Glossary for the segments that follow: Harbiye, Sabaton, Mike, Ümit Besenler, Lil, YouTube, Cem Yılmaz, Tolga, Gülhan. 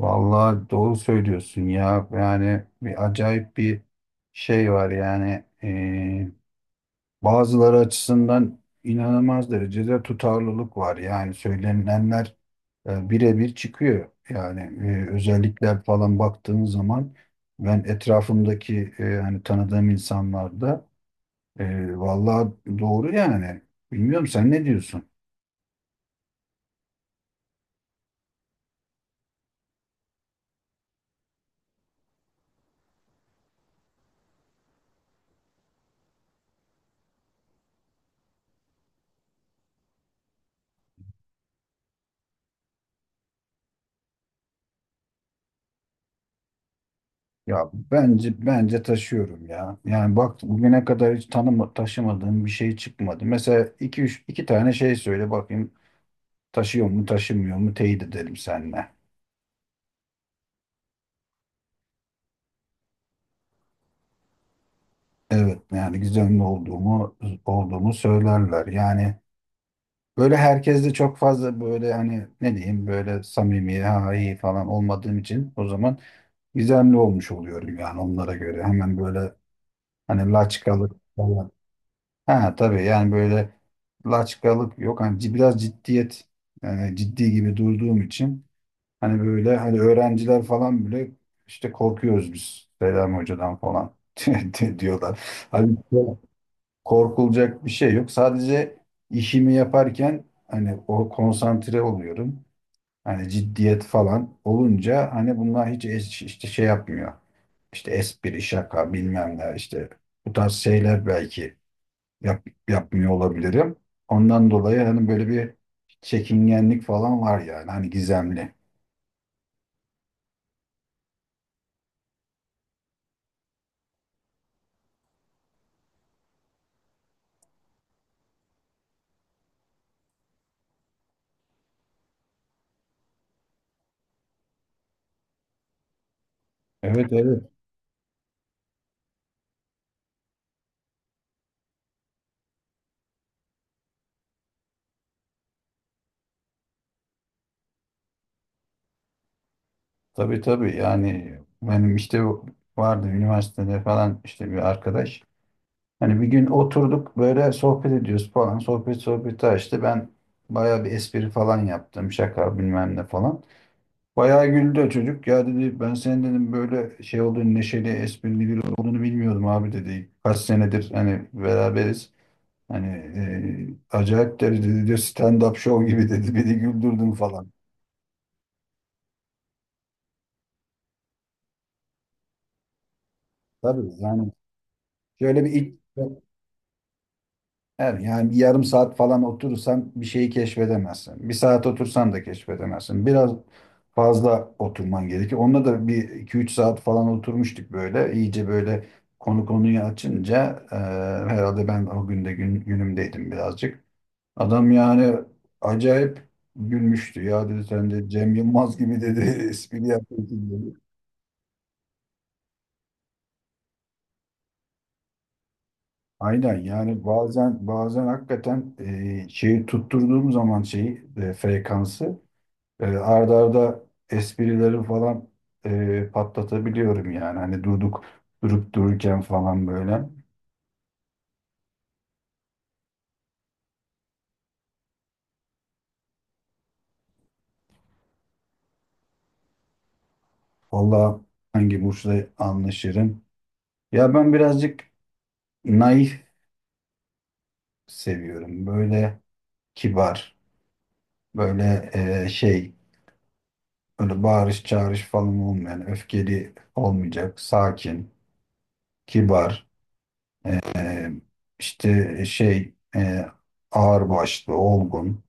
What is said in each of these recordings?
Vallahi doğru söylüyorsun ya. Yani bir acayip bir şey var yani. Bazıları açısından inanılmaz derecede tutarlılık var. Yani söylenenler birebir çıkıyor. Yani özellikler falan baktığın zaman ben etrafımdaki hani tanıdığım insanlarda vallahi doğru yani. Bilmiyorum sen ne diyorsun? Ya bence taşıyorum ya. Yani bak bugüne kadar hiç taşımadığım bir şey çıkmadı. Mesela iki üç iki tane şey söyle bakayım taşıyor mu taşımıyor mu teyit edelim seninle. Evet, yani gizemli olduğumu söylerler. Yani böyle herkes de çok fazla böyle hani ne diyeyim böyle samimi ha iyi falan olmadığım için o zaman gizemli olmuş oluyorum yani onlara göre. Hemen böyle hani laçkalık falan. Ha tabii yani böyle laçkalık yok. Hani biraz ciddiyet yani ciddi gibi durduğum için hani böyle hani öğrenciler falan bile işte korkuyoruz biz Selam Hoca'dan falan diyorlar. Hani korkulacak bir şey yok. Sadece işimi yaparken hani o konsantre oluyorum. Hani ciddiyet falan olunca hani bunlar hiç işte şey yapmıyor. İşte espri, şaka bilmem ne işte bu tarz şeyler belki yap, yapmıyor olabilirim. Ondan dolayı hani böyle bir çekingenlik falan var yani hani gizemli. Evet, evet. Tabii, tabii, yani benim işte vardı üniversitede falan işte bir arkadaş. Hani bir gün oturduk böyle sohbet ediyoruz falan. Sohbet sohbeti açtı. Ben bayağı bir espri falan yaptım. Şaka bilmem ne falan. Bayağı güldü o çocuk. Ya dedi ben senin dedim böyle şey olduğunu neşeli esprili biri olduğunu bilmiyordum abi dedi. Kaç senedir hani beraberiz. Hani acayip derecede diyor stand-up show gibi dedi. Beni güldürdün falan. Tabii yani şöyle bir ilk. Evet, yani bir yarım saat falan oturursan bir şeyi keşfedemezsin. Bir saat otursan da keşfedemezsin. Biraz fazla oturman gerekiyor. Onunla da bir iki üç saat falan oturmuştuk böyle. İyice böyle konu konuyu açınca herhalde ben o günde günümdeydim birazcık. Adam yani acayip gülmüştü. Ya dedi sen de Cem Yılmaz gibi dedi espri yapıyorsun dedi. Aynen yani bazen bazen hakikaten şeyi tutturduğum zaman şeyi frekansı arda arda esprileri falan patlatabiliyorum yani hani durduk durup dururken falan böyle. Valla hangi burçla anlaşırım? Ya ben birazcık naif seviyorum böyle kibar böyle şey böyle bağırış çağırış falan olmayan öfkeli olmayacak sakin kibar. E, işte şey ağırbaşlı, olgun.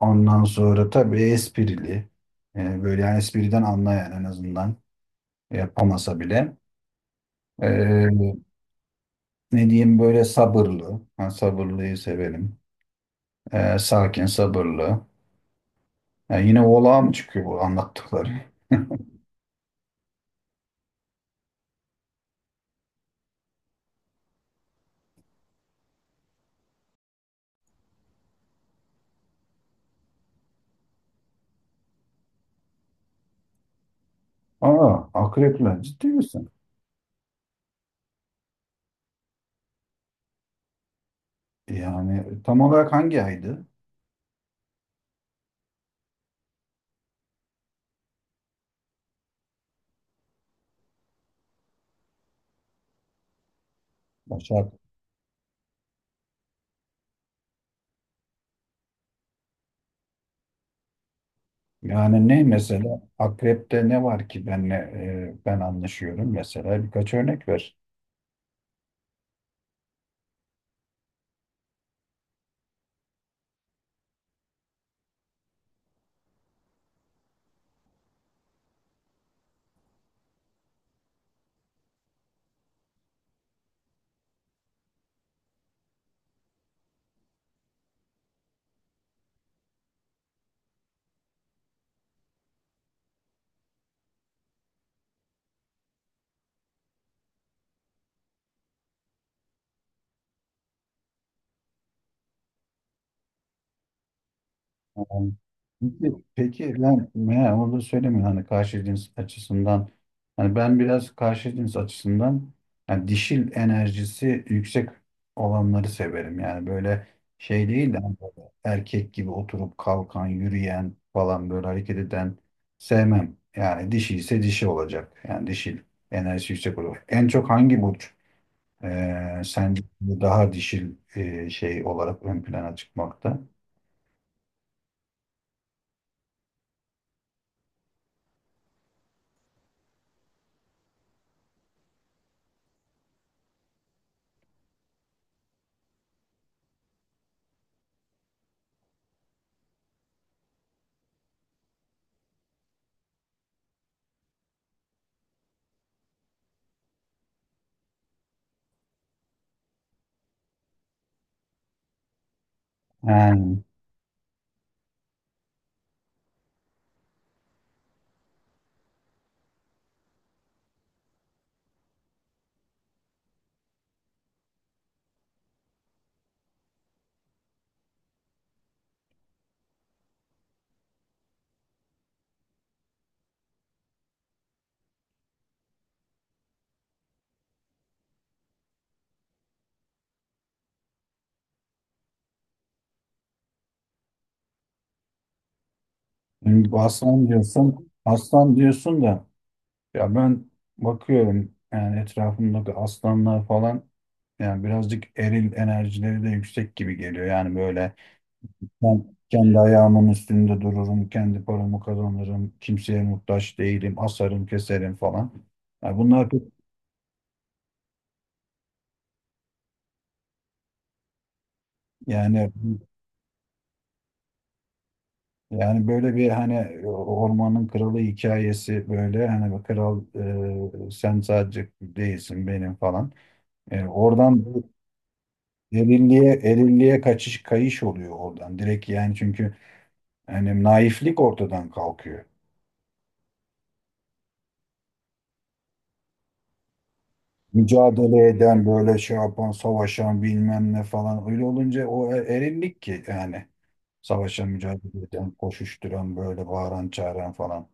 Ondan sonra tabii esprili. Böyle yani espriden anlayan en azından yapamasa bile. E, ne diyeyim böyle sabırlı. Ben sabırlıyı severim. Sakin, sabırlı. Yani yine oğlağa mı çıkıyor bu anlattıkları? Aa, akrepler ciddi misin? Yani tam olarak hangi aydı? Başak. Yani ne mesela akrepte ne var ki benle ben anlaşıyorum mesela birkaç örnek ver. Yani, peki, peki lan ne onu da söylemiyor hani karşı cins açısından hani ben biraz karşı cins açısından yani dişil enerjisi yüksek olanları severim yani böyle şey değil de hani böyle erkek gibi oturup kalkan yürüyen falan böyle hareket eden sevmem yani dişi ise dişi olacak yani dişil enerjisi yüksek olur. En çok hangi burç, sence daha dişil şey olarak ön plana çıkmakta. Yani, şimdi bu aslan diyorsun, aslan diyorsun da ya ben bakıyorum yani etrafımdaki aslanlar falan yani birazcık eril enerjileri de yüksek gibi geliyor. Yani böyle ben kendi ayağımın üstünde dururum, kendi paramı kazanırım, kimseye muhtaç değilim, asarım, keserim falan. Yani bunlar pek-, yani. Yani böyle bir hani ormanın kralı hikayesi böyle hani bir kral sen sadece değilsin benim falan. Oradan bu erilliğe erilliğe kaçış kayış oluyor oradan. Direkt yani çünkü hani naiflik ortadan kalkıyor. Mücadele eden böyle şey yapan savaşan bilmem ne falan öyle olunca o erillik ki yani savaşan mücadele eden koşuşturan böyle bağıran çağıran falan.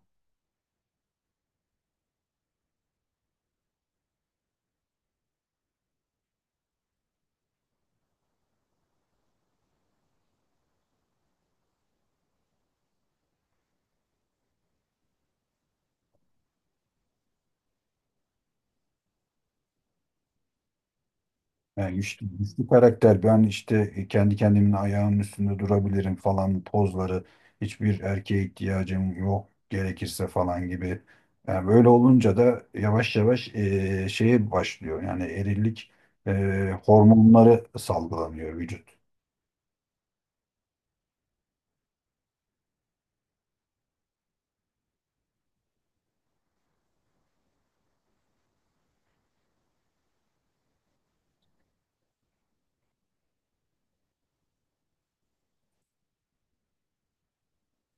Yani güçlü, güçlü karakter. Ben işte kendi kendimin ayağının üstünde durabilirim falan pozları. Hiçbir erkeğe ihtiyacım yok gerekirse falan gibi. Yani böyle olunca da yavaş yavaş şeye başlıyor. Yani erillik hormonları salgılanıyor vücut.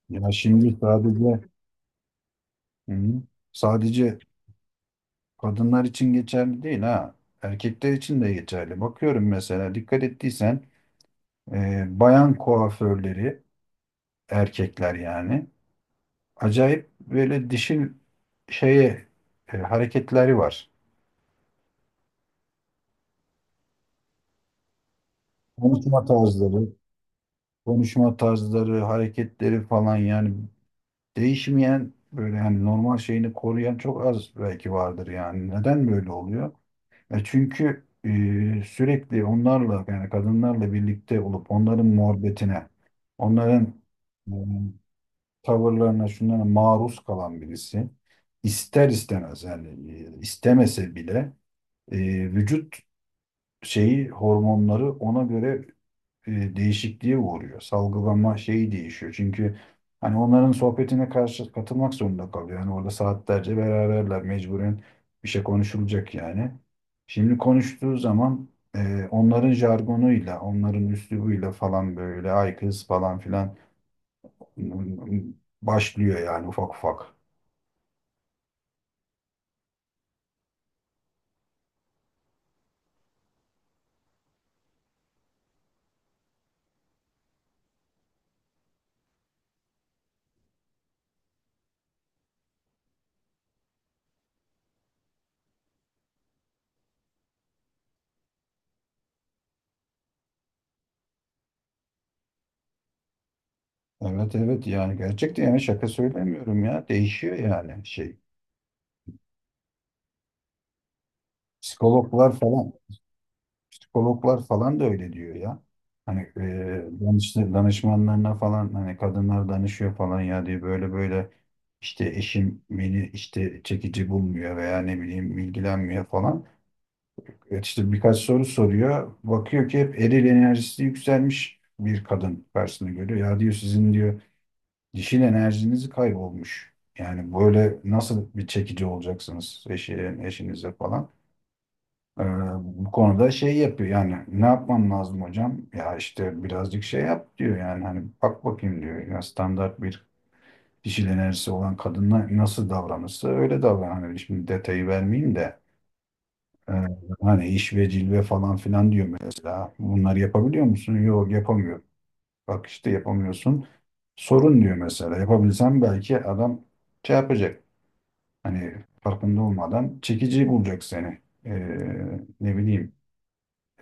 Ya şimdi sadece, hı hı, sadece kadınlar için geçerli değil ha. Erkekler için de geçerli. Bakıyorum mesela dikkat ettiysen bayan kuaförleri erkekler yani. Acayip böyle dişil şeye hareketleri var. Konuşma tarzları, konuşma tarzları, hareketleri falan yani değişmeyen böyle hani normal şeyini koruyan çok az belki vardır yani. Neden böyle oluyor? Çünkü sürekli onlarla yani kadınlarla birlikte olup onların muhabbetine, onların e, tavırlarına, şunlara maruz kalan birisi ister istemez yani istemese bile e, vücut şeyi hormonları ona göre değişikliğe uğruyor. Salgılama şeyi değişiyor. Çünkü hani onların sohbetine karşı katılmak zorunda kalıyor. Yani orada saatlerce beraberler mecburen bir şey konuşulacak yani. Şimdi konuştuğu zaman onların jargonuyla, onların üslubuyla falan böyle ay kız falan filan başlıyor yani ufak ufak. Evet, evet, yani gerçekten yani şaka söylemiyorum ya. Değişiyor yani şey. Psikologlar falan psikologlar falan da öyle diyor ya. Hani danışmanlarına falan hani kadınlar danışıyor falan ya diye böyle böyle. İşte eşim beni işte çekici bulmuyor veya ne bileyim ilgilenmiyor falan. Evet işte birkaç soru soruyor. Bakıyor ki hep eril enerjisi yükselmiş bir kadın karşısına görüyor. Ya diyor sizin diyor dişil enerjiniz kaybolmuş. Yani böyle nasıl bir çekici olacaksınız eşinize falan. Ee, bu konuda şey yapıyor yani ne yapmam lazım hocam? Ya işte birazcık şey yap diyor yani hani bak bakayım diyor. Ya standart bir dişil enerjisi olan kadınla nasıl davranırsa öyle davran. Hani şimdi detayı vermeyeyim de e, hani iş ve cilve falan filan diyor mesela. Bunları yapabiliyor musun? Yok, yapamıyorum. Bak işte yapamıyorsun. Sorun diyor mesela. Yapabilsem belki adam şey yapacak. Hani farkında olmadan çekici bulacak seni. Ne bileyim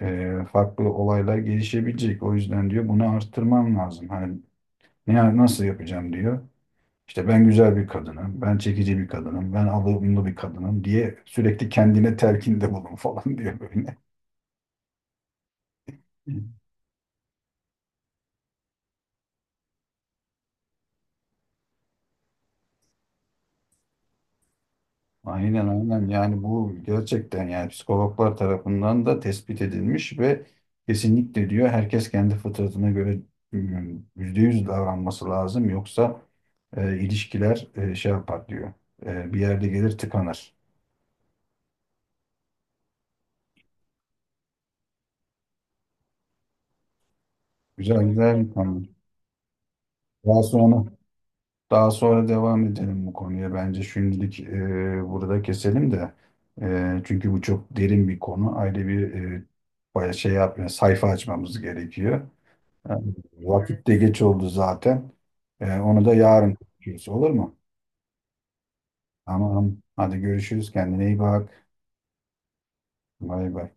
farklı olaylar gelişebilecek. O yüzden diyor bunu arttırmam lazım. Hani nasıl yapacağım diyor. İşte ben güzel bir kadınım, ben çekici bir kadınım, ben alımlı bir kadınım diye sürekli kendine telkinde bulun falan diyor böyle. Aynen, aynen, yani bu gerçekten yani psikologlar tarafından da tespit edilmiş ve kesinlikle diyor herkes kendi fıtratına göre 100% davranması lazım yoksa ilişkiler şey yapar diyor. Bir yerde gelir tıkanır. Güzel, güzel. Kesinlikle. Yıkanır. Daha sonra Daha sonra devam edelim bu konuya. Bence şimdilik burada keselim de. Çünkü bu çok derin bir konu. Ayrı bir bayağı şey yapmıyor. Sayfa açmamız gerekiyor. E, vakit de, Evet, geç oldu zaten. Onu da, Tamam, yarın konuşuruz olur mu? Tamam. Hadi görüşürüz. Kendine iyi bak. Bay bay.